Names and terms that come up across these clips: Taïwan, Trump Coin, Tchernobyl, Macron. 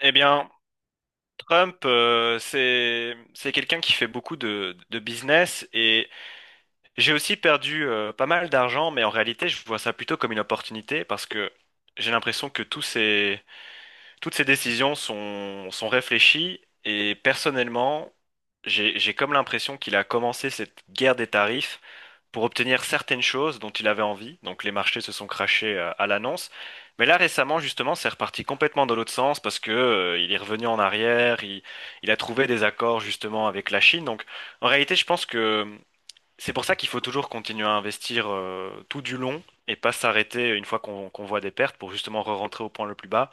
Eh bien, Trump, c'est quelqu'un qui fait beaucoup de business et j'ai aussi perdu pas mal d'argent, mais en réalité, je vois ça plutôt comme une opportunité parce que j'ai l'impression que tous ces toutes ces décisions sont réfléchies et personnellement, j'ai comme l'impression qu'il a commencé cette guerre des tarifs pour obtenir certaines choses dont il avait envie. Donc les marchés se sont crashés à l'annonce. Mais là récemment, justement, c'est reparti complètement dans l'autre sens parce que il est revenu en arrière, il a trouvé des accords justement avec la Chine. Donc en réalité, je pense que c'est pour ça qu'il faut toujours continuer à investir tout du long et pas s'arrêter une fois qu'on voit des pertes pour justement re-rentrer au point le plus bas.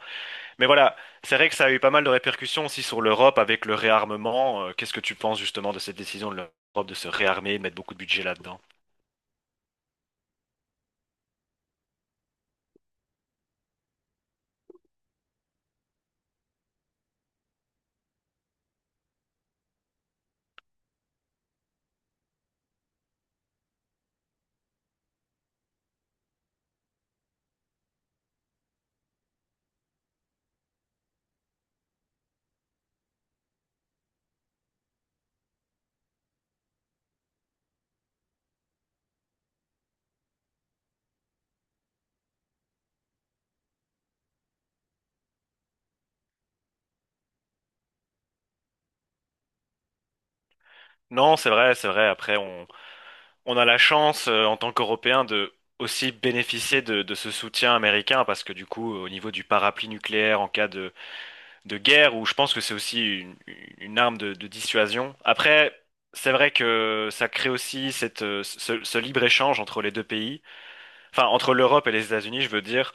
Mais voilà, c'est vrai que ça a eu pas mal de répercussions aussi sur l'Europe avec le réarmement. Qu'est-ce que tu penses justement de cette décision de l'Europe de se réarmer, mettre beaucoup de budget là-dedans? Non, c'est vrai, c'est vrai. Après, on a la chance en tant qu'Européens de aussi bénéficier de ce soutien américain parce que du coup, au niveau du parapluie nucléaire en cas de guerre, où je pense que c'est aussi une arme de dissuasion. Après, c'est vrai que ça crée aussi cette, ce, ce libre-échange entre les deux pays, enfin entre l'Europe et les États-Unis, je veux dire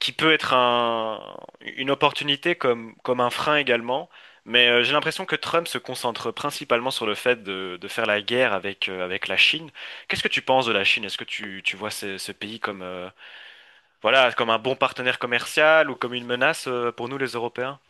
qui peut être un, une opportunité comme, comme un frein également. Mais j'ai l'impression que Trump se concentre principalement sur le fait de faire la guerre avec, avec la Chine. Qu'est-ce que tu penses de la Chine? Est-ce que tu vois ce, ce pays comme, voilà, comme un bon partenaire commercial ou comme une menace pour nous les Européens?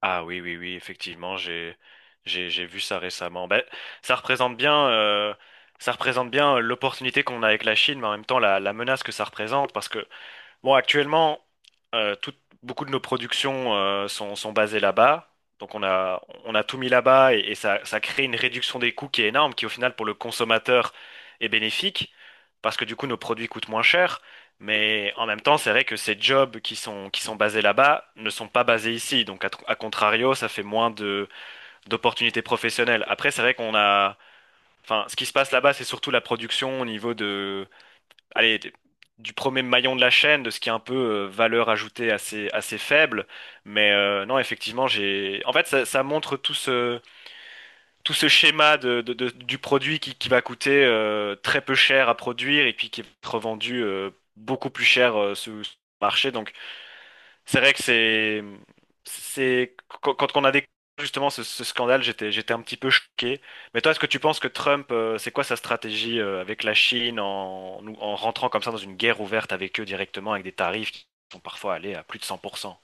Ah oui, oui, oui, effectivement, j'ai vu ça récemment. Ben, ça représente bien, euh, ça représente bien l'opportunité qu'on a avec la Chine, mais en même temps la, la menace que ça représente, parce que bon, actuellement, tout- beaucoup de nos productions sont, sont basées là-bas. Donc on a tout mis là-bas et ça crée une réduction des coûts qui est énorme, qui au final pour le consommateur est bénéfique, parce que du coup nos produits coûtent moins cher. Mais en même temps, c'est vrai que ces jobs qui sont basés là-bas ne sont pas basés ici. Donc à, tr- à contrario, ça fait moins de, d'opportunités professionnelles. Après, c'est vrai qu'on a... Enfin, ce qui se passe là-bas, c'est surtout la production au niveau allez, des- du premier maillon de la chaîne, de ce qui est un peu valeur ajoutée assez, assez faible. Mais non, effectivement, j'ai. En fait, ça montre tout ce schéma de- du produit qui va coûter très peu cher à produire et puis qui est revendu beaucoup plus cher sur sur le marché. Donc, c'est vrai que c'est quand on a découvert justement ce, ce scandale, j'étais un petit peu choqué. Mais toi, est-ce que tu penses que Trump, c'est quoi sa stratégie avec la Chine en, nous- en rentrant comme ça dans une guerre ouverte avec eux directement, avec des tarifs qui sont parfois allés à plus de cent pour cent.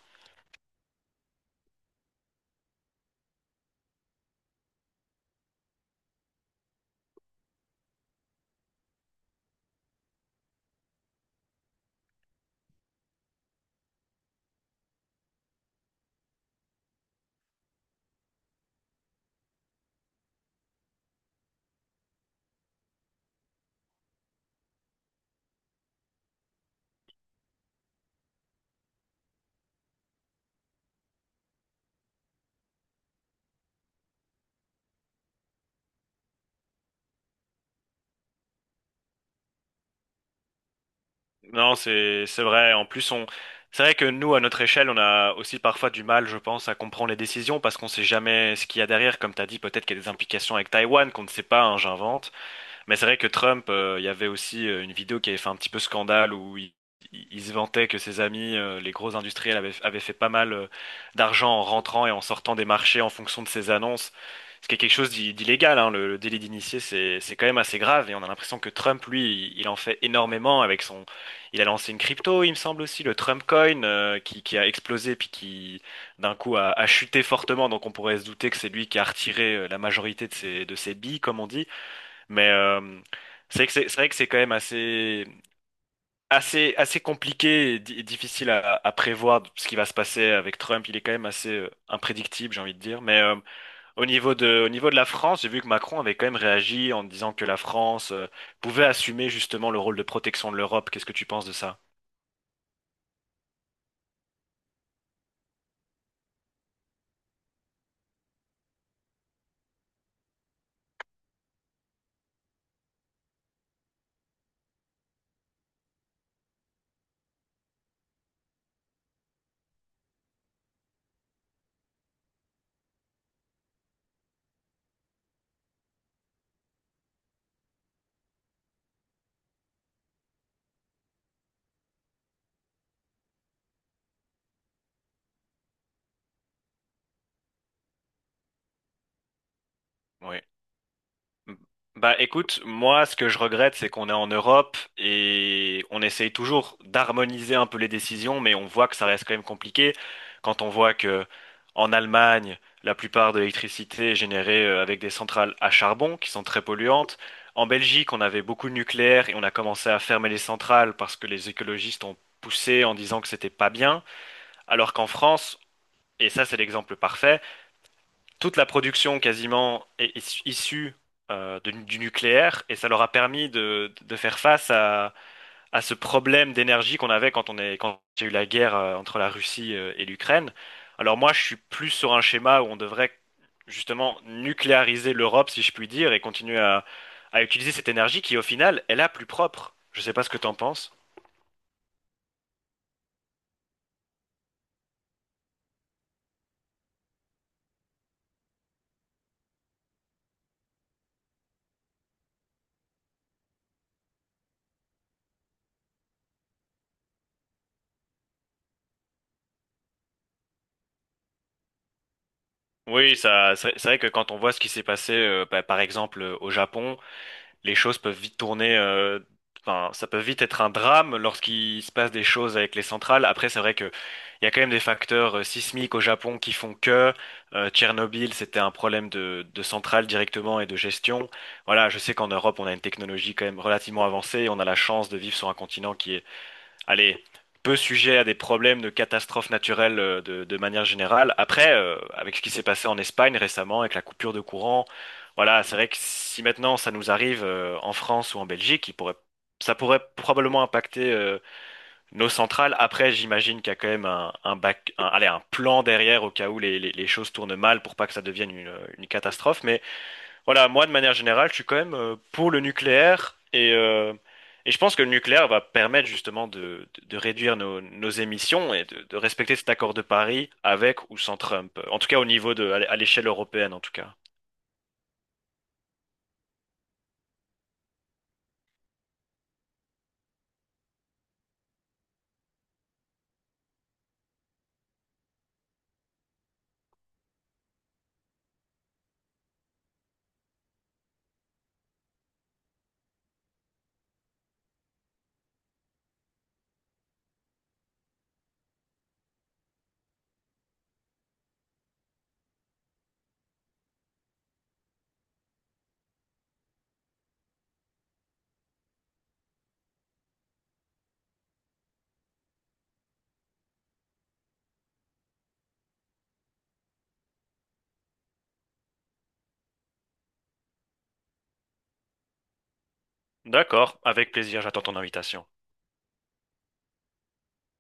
Non, c'est vrai. En plus, on c'est vrai que nous, à notre échelle, on a aussi parfois du mal, je pense, à comprendre les décisions parce qu'on sait jamais ce qu'il y a derrière. Comme tu as dit, peut-être qu'il y a des implications avec Taïwan qu'on ne sait pas, hein, j'invente. Mais c'est vrai que Trump, il y avait aussi une vidéo qui avait fait un petit peu scandale où il se vantait que ses amis, les gros industriels, avaient, avaient fait pas mal d'argent en rentrant et en sortant des marchés en fonction de ses annonces. Ce qui est quelque chose d'i- d'illégal, hein, le délit d'initié, c'est quand même assez grave et on a l'impression que Trump, lui, il en fait énormément avec son... Il a lancé une crypto, il me semble aussi, le Trump Coin, qui a explosé puis qui, d'un coup, a, a chuté fortement. Donc on pourrait se douter que c'est lui qui a retiré la majorité de ses billes, comme on dit. Mais c'est vrai que c'est vrai que c'est quand même assez, assez, assez compliqué et, di- et difficile à prévoir ce qui va se passer avec Trump. Il est quand même assez imprédictible, j'ai envie de dire. Mais au niveau de la France, j'ai vu que Macron avait quand même réagi en disant que la France pouvait assumer justement le rôle de protection de l'Europe. Qu'est-ce que tu penses de ça? Oui. Bah écoute, moi ce que je regrette c'est qu'on est en Europe et on essaye toujours d'harmoniser un peu les décisions, mais on voit que ça reste quand même compliqué quand on voit que en Allemagne la plupart de l'électricité est générée avec des centrales à charbon qui sont très polluantes. En Belgique on avait beaucoup de nucléaire et on a commencé à fermer les centrales parce que les écologistes ont poussé en disant que c'était pas bien, alors qu'en France, et ça c'est l'exemple parfait, toute la production quasiment est, est issue de- du nucléaire et ça leur a permis de faire face à ce problème d'énergie qu'on avait quand on est, quand il y a eu la guerre entre la Russie et l'Ukraine. Alors moi, je suis plus sur un schéma où on devrait justement nucléariser l'Europe, si je puis dire, et continuer à utiliser cette énergie qui, au final, est la plus propre. Je sais pas ce que t'en penses. Oui, ça, c'est vrai que quand on voit ce qui s'est passé, bah, par exemple, au Japon, les choses peuvent vite tourner, enfin, ça peut vite être un drame lorsqu'il se passe des choses avec les centrales. Après, c'est vrai que il y a quand même des facteurs sismiques au Japon qui font que Tchernobyl, c'était un problème de centrale directement et de gestion. Voilà, je sais qu'en Europe, on a une technologie quand même relativement avancée. On a la chance de vivre sur un continent qui est allez, peu sujet à des problèmes de catastrophes naturelles de manière générale. Après, avec ce qui s'est passé en Espagne récemment, avec la coupure de courant, voilà, c'est vrai que si maintenant ça nous arrive en France ou en Belgique, il pourrait, ça pourrait probablement impacter nos centrales. Après, j'imagine qu'il y a quand même un, bac- un- allez, un plan derrière au cas où les choses tournent mal pour pas que ça devienne une catastrophe. Mais voilà, moi, de manière générale, je suis quand même pour le nucléaire et je pense que le nucléaire va permettre justement de réduire nos, nos émissions et de respecter cet accord de Paris avec ou sans Trump. En tout cas, au niveau de, à l'échelle européenne, en tout cas. D'accord, avec plaisir, j'attends ton invitation.